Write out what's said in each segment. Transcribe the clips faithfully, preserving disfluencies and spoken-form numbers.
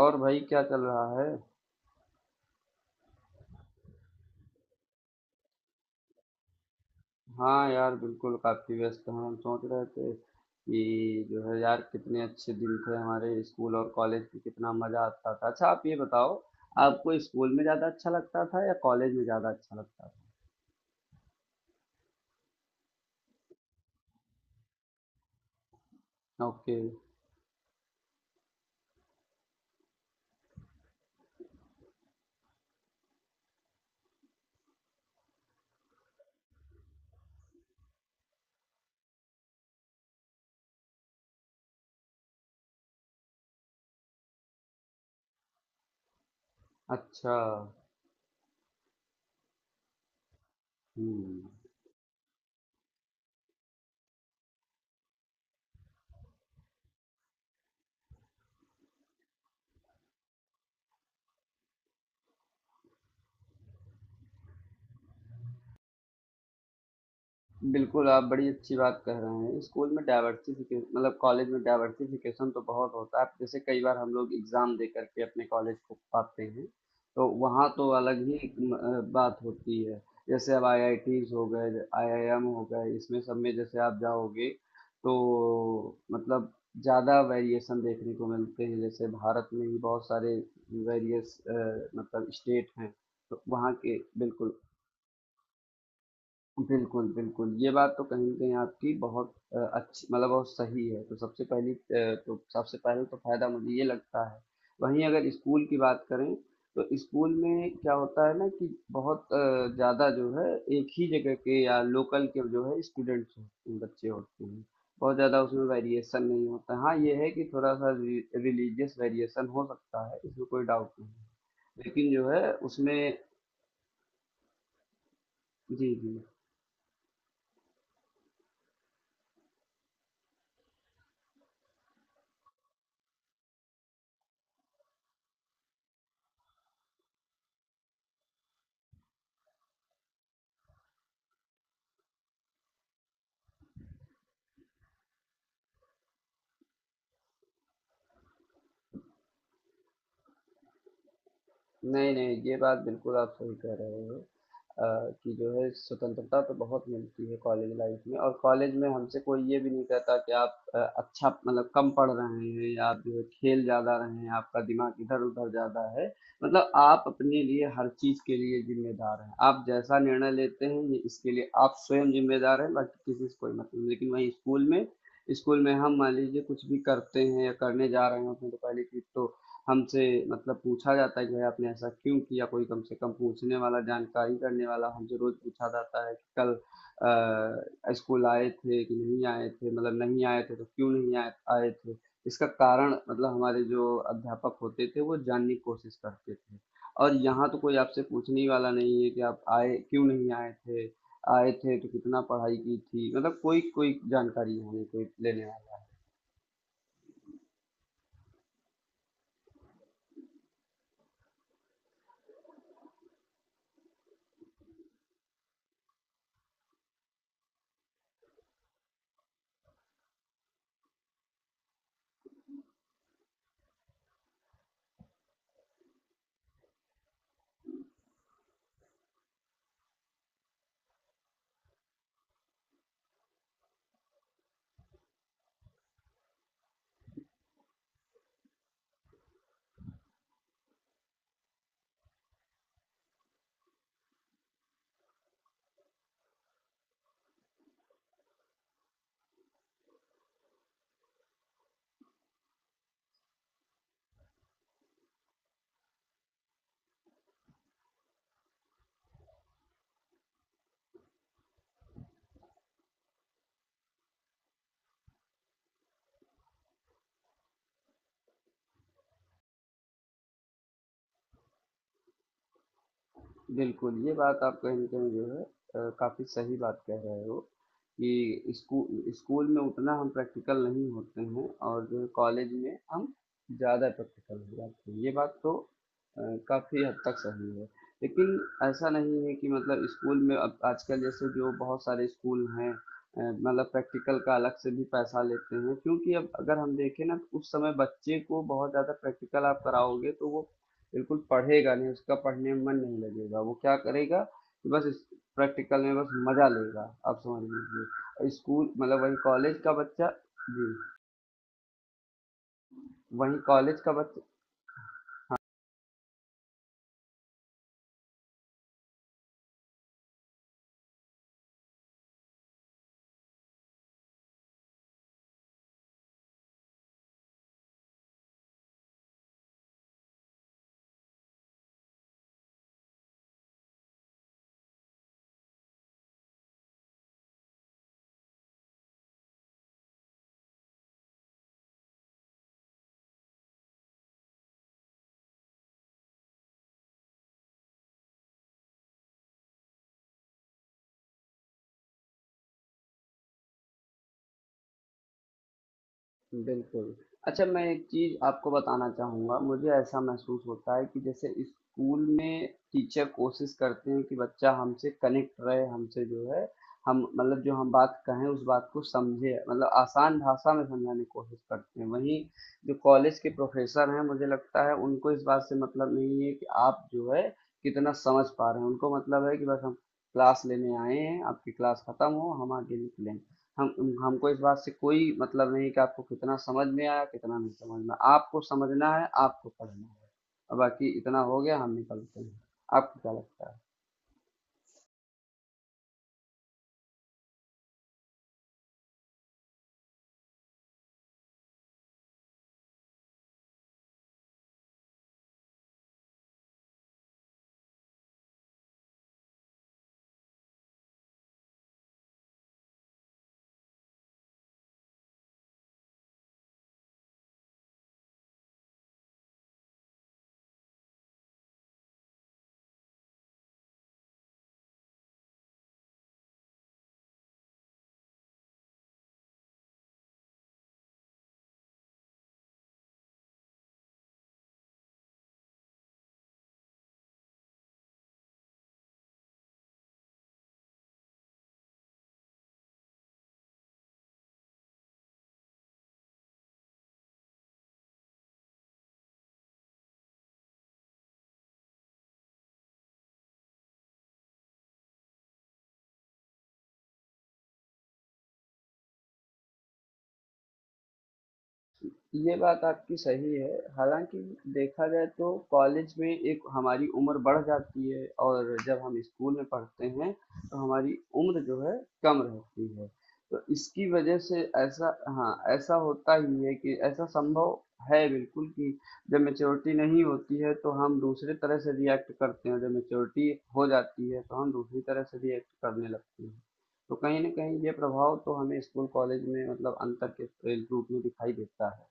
और भाई क्या चल रहा है? हाँ यार बिल्कुल काफी व्यस्त हैं। हम सोच रहे थे कि जो है यार कितने अच्छे दिन थे हमारे स्कूल और कॉलेज की, कितना मजा आता था। अच्छा आप ये बताओ, आपको स्कूल में ज्यादा अच्छा लगता था या कॉलेज में ज्यादा अच्छा लगता था? ओके। अच्छा। हम्म। बिल्कुल, आप बड़ी अच्छी बात कह रहे हैं। स्कूल में डाइवर्सिफ़िके मतलब कॉलेज में डाइवर्सिफ़िकेशन तो बहुत होता है। जैसे कई बार हम लोग एग्ज़ाम दे कर के अपने कॉलेज को पाते हैं, तो वहाँ तो अलग ही एक म अ, बात होती है। जैसे अब आईआईटीज़ हो गए, आईआईएम हो गए, इसमें सब में जैसे आप जाओगे, तो मतलब ज़्यादा वेरिएशन देखने को मिलते हैं। जैसे भारत में ही बहुत सारे वेरियस अ, मतलब स्टेट हैं, तो वहाँ के बिल्कुल, बिल्कुल, बिल्कुल। ये बात तो कहीं न कहीं आपकी बहुत अ, अच्छी, मतलब बहुत सही है। तो सबसे पहली अ, तो सबसे पहले तो फ़ायदा मुझे ये लगता है। वहीं अगर स्कूल की बात करें, तो स्कूल में क्या होता है ना कि बहुत अ, ज़्यादा जो है एक ही जगह के या लोकल के जो है स्टूडेंट्स होते हैं, बच्चे होते हैं। बहुत ज़्यादा उसमें वेरिएशन नहीं होता है। हाँ, ये है कि थोड़ा-सा रि रिलीजियस वेरिएशन हो सकता है, इसमें कोई डाउट नहीं है। लेकिन जो है उसमें जी, जी। नहीं, नहीं, ये बात बिल्कुल आप सही कह रहे हो। अ, कि जो है स्वतंत्रता तो बहुत मिलती है कॉलेज लाइफ में, और कॉलेज में हमसे कोई ये भी नहीं कहता कि आप अ, अच्छा मतलब कम पढ़ रहे हैं या आप जो है खेल ज़्यादा रहे हैं, आपका दिमाग इधर उधर ज़्यादा है। मतलब आप अपने लिए हर चीज़ के लिए जिम्मेदार हैं, आप जैसा निर्णय लेते हैं ये इसके लिए आप स्वयं जिम्मेदार हैं, बाकी किसी से कोई मतलब नहीं। लेकिन वहीं स्कूल में स्कूल में हम मान लीजिए कुछ भी करते हैं या करने जा रहे होते हैं, तो पहले की तो हमसे मतलब पूछा जाता है कि भाई आपने ऐसा क्यों किया, कोई कम से कम पूछने वाला जानकारी करने वाला। हमसे रोज पूछा जाता है कि कल अ, स्कूल आए थे कि नहीं आए थे, मतलब नहीं आए थे तो क्यों नहीं आए, आए थे इसका कारण, मतलब हमारे जो अध्यापक होते थे वो जानने की कोशिश करते थे। और यहाँ तो कोई आपसे पूछने ही वाला नहीं है कि आप आए क्यों नहीं आए थे, आए थे तो कितना पढ़ाई की थी। मतलब कोई कोई जानकारी यहाँ नहीं, कोई लेने वाला। बिल्कुल, ये बात आप कहीं न कहीं जो है अ, काफ़ी सही बात कह रहे हो कि स्कू स्कूल में उतना हम प्रैक्टिकल नहीं होते हैं और जो है कॉलेज में हम ज़्यादा प्रैक्टिकल हो जाते हैं। ये बात तो अ, काफ़ी हद तक सही है। लेकिन ऐसा नहीं है कि मतलब स्कूल में, अब आजकल जैसे जो बहुत सारे स्कूल हैं अ, मतलब प्रैक्टिकल का अलग से भी पैसा लेते हैं। क्योंकि अब अगर हम देखें ना, उस समय बच्चे को बहुत ज़्यादा प्रैक्टिकल आप कराओगे तो वो बिल्कुल पढ़ेगा नहीं, उसका पढ़ने में मन नहीं लगेगा। वो क्या करेगा कि बस प्रैक्टिकल में बस मजा लेगा, आप समझ लीजिए। और स्कूल मतलब वही कॉलेज का बच्चा। जी। वही कॉलेज का बच्चा। बिल्कुल। अच्छा मैं एक चीज़ आपको बताना चाहूँगा, मुझे ऐसा महसूस होता है कि जैसे स्कूल में टीचर कोशिश करते हैं कि बच्चा हमसे कनेक्ट रहे, हमसे जो है हम मतलब जो हम बात कहें उस बात को समझे, मतलब आसान भाषा में समझाने की कोशिश करते हैं। वहीं जो कॉलेज के प्रोफ़ेसर हैं, मुझे लगता है उनको इस बात से मतलब नहीं है कि आप जो है कितना समझ पा रहे हैं, उनको मतलब है कि बस हम क्लास लेने आए हैं, आपकी क्लास खत्म हो, हम आगे निकलें। हम हमको इस बात से कोई मतलब नहीं कि आपको कितना समझ में आया कितना नहीं समझ में आया। आपको समझना है, आपको पढ़ना है, और बाकी इतना हो गया, हम निकलते हैं। आपको क्या लगता है? ये बात आपकी सही है। हालाँकि देखा जाए तो कॉलेज में एक हमारी उम्र बढ़ जाती है और जब हम स्कूल में पढ़ते हैं तो हमारी उम्र जो है कम रहती है। तो इसकी वजह से ऐसा, हाँ, ऐसा होता ही है कि ऐसा संभव है बिल्कुल। कि जब मैच्योरिटी नहीं होती है तो हम दूसरे तरह से रिएक्ट करते हैं, जब मैच्योरिटी हो जाती है तो हम दूसरी तरह से रिएक्ट करने लगते हैं। तो कहीं न कहीं ये प्रभाव तो हमें स्कूल कॉलेज में मतलब अंतर के रूप में दिखाई देता है।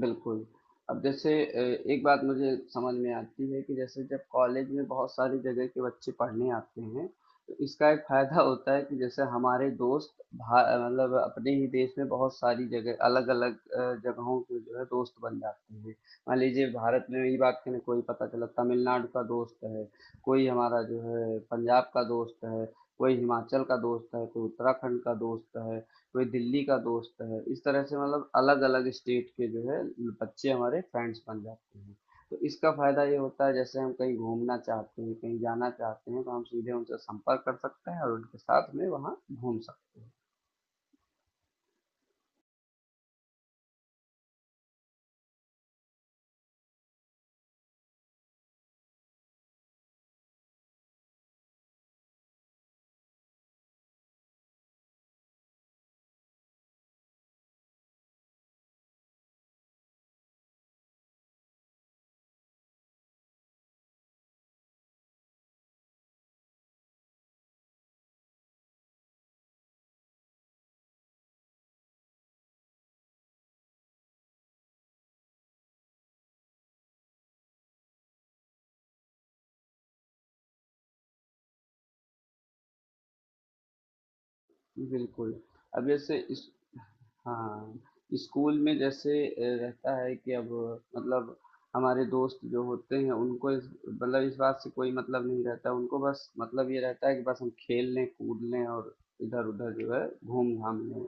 बिल्कुल। अब जैसे अ, एक बात मुझे समझ में आती है कि जैसे जब कॉलेज में बहुत सारी जगह के बच्चे पढ़ने आते हैं, तो इसका एक फ़ायदा होता है कि जैसे हमारे दोस्त भा अ, मतलब अपने ही देश में बहुत सारी जगह अलग-अलग अ, जगहों के जो है दोस्त बन जाते हैं। मान लीजिए भारत में ही बात करें, कोई पता चला तमिलनाडु का दोस्त है, कोई हमारा जो है पंजाब का दोस्त है, कोई हिमाचल का दोस्त है, कोई उत्तराखंड का दोस्त है, कोई दिल्ली का दोस्त है। इस तरह से मतलब अलग अलग स्टेट के जो है बच्चे हमारे फ्रेंड्स बन जाते हैं। तो इसका फायदा ये होता है, जैसे हम कहीं घूमना चाहते हैं, कहीं जाना चाहते हैं, तो हम सीधे उनसे संपर्क कर सकते हैं और उनके साथ में वहाँ घूम सकते हैं। बिल्कुल। अब जैसे इस हाँ, स्कूल में जैसे अ, रहता है कि अब मतलब हमारे दोस्त जो होते हैं उनको इस मतलब इस बात से कोई मतलब नहीं रहता। उनको बस मतलब ये रहता है कि बस हम खेल लें, कूद लें और इधर उधर जो है घूम घाम लें,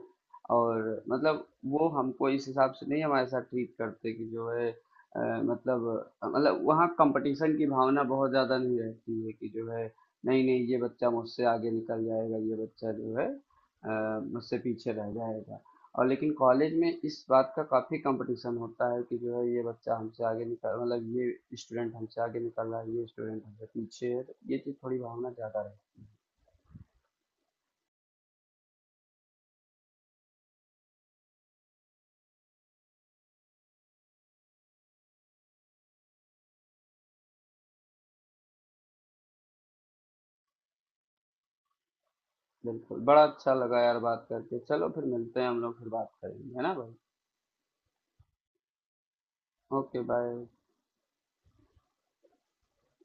और मतलब वो हमको इस हिसाब से नहीं हमारे साथ ट्रीट करते कि जो है अ, मतलब मतलब वहाँ कंपटीशन की भावना बहुत ज़्यादा नहीं रहती है कि जो है नहीं नहीं, ये बच्चा मुझसे आगे निकल जाएगा, ये बच्चा जो है अ, मुझसे पीछे रह जाएगा। और लेकिन कॉलेज में इस बात का काफ़ी कंपटीशन होता है कि जो है ये बच्चा हमसे आगे निकल मतलब ये स्टूडेंट हमसे आगे निकल रहा है, ये स्टूडेंट हमसे पीछे है, तो ये चीज़ थोड़ी भावना ज़्यादा रहती है। बिल्कुल, बड़ा अच्छा लगा यार बात करके। चलो फिर मिलते हैं, हम लोग फिर बात करेंगे, है ना भाई। Okay, bye.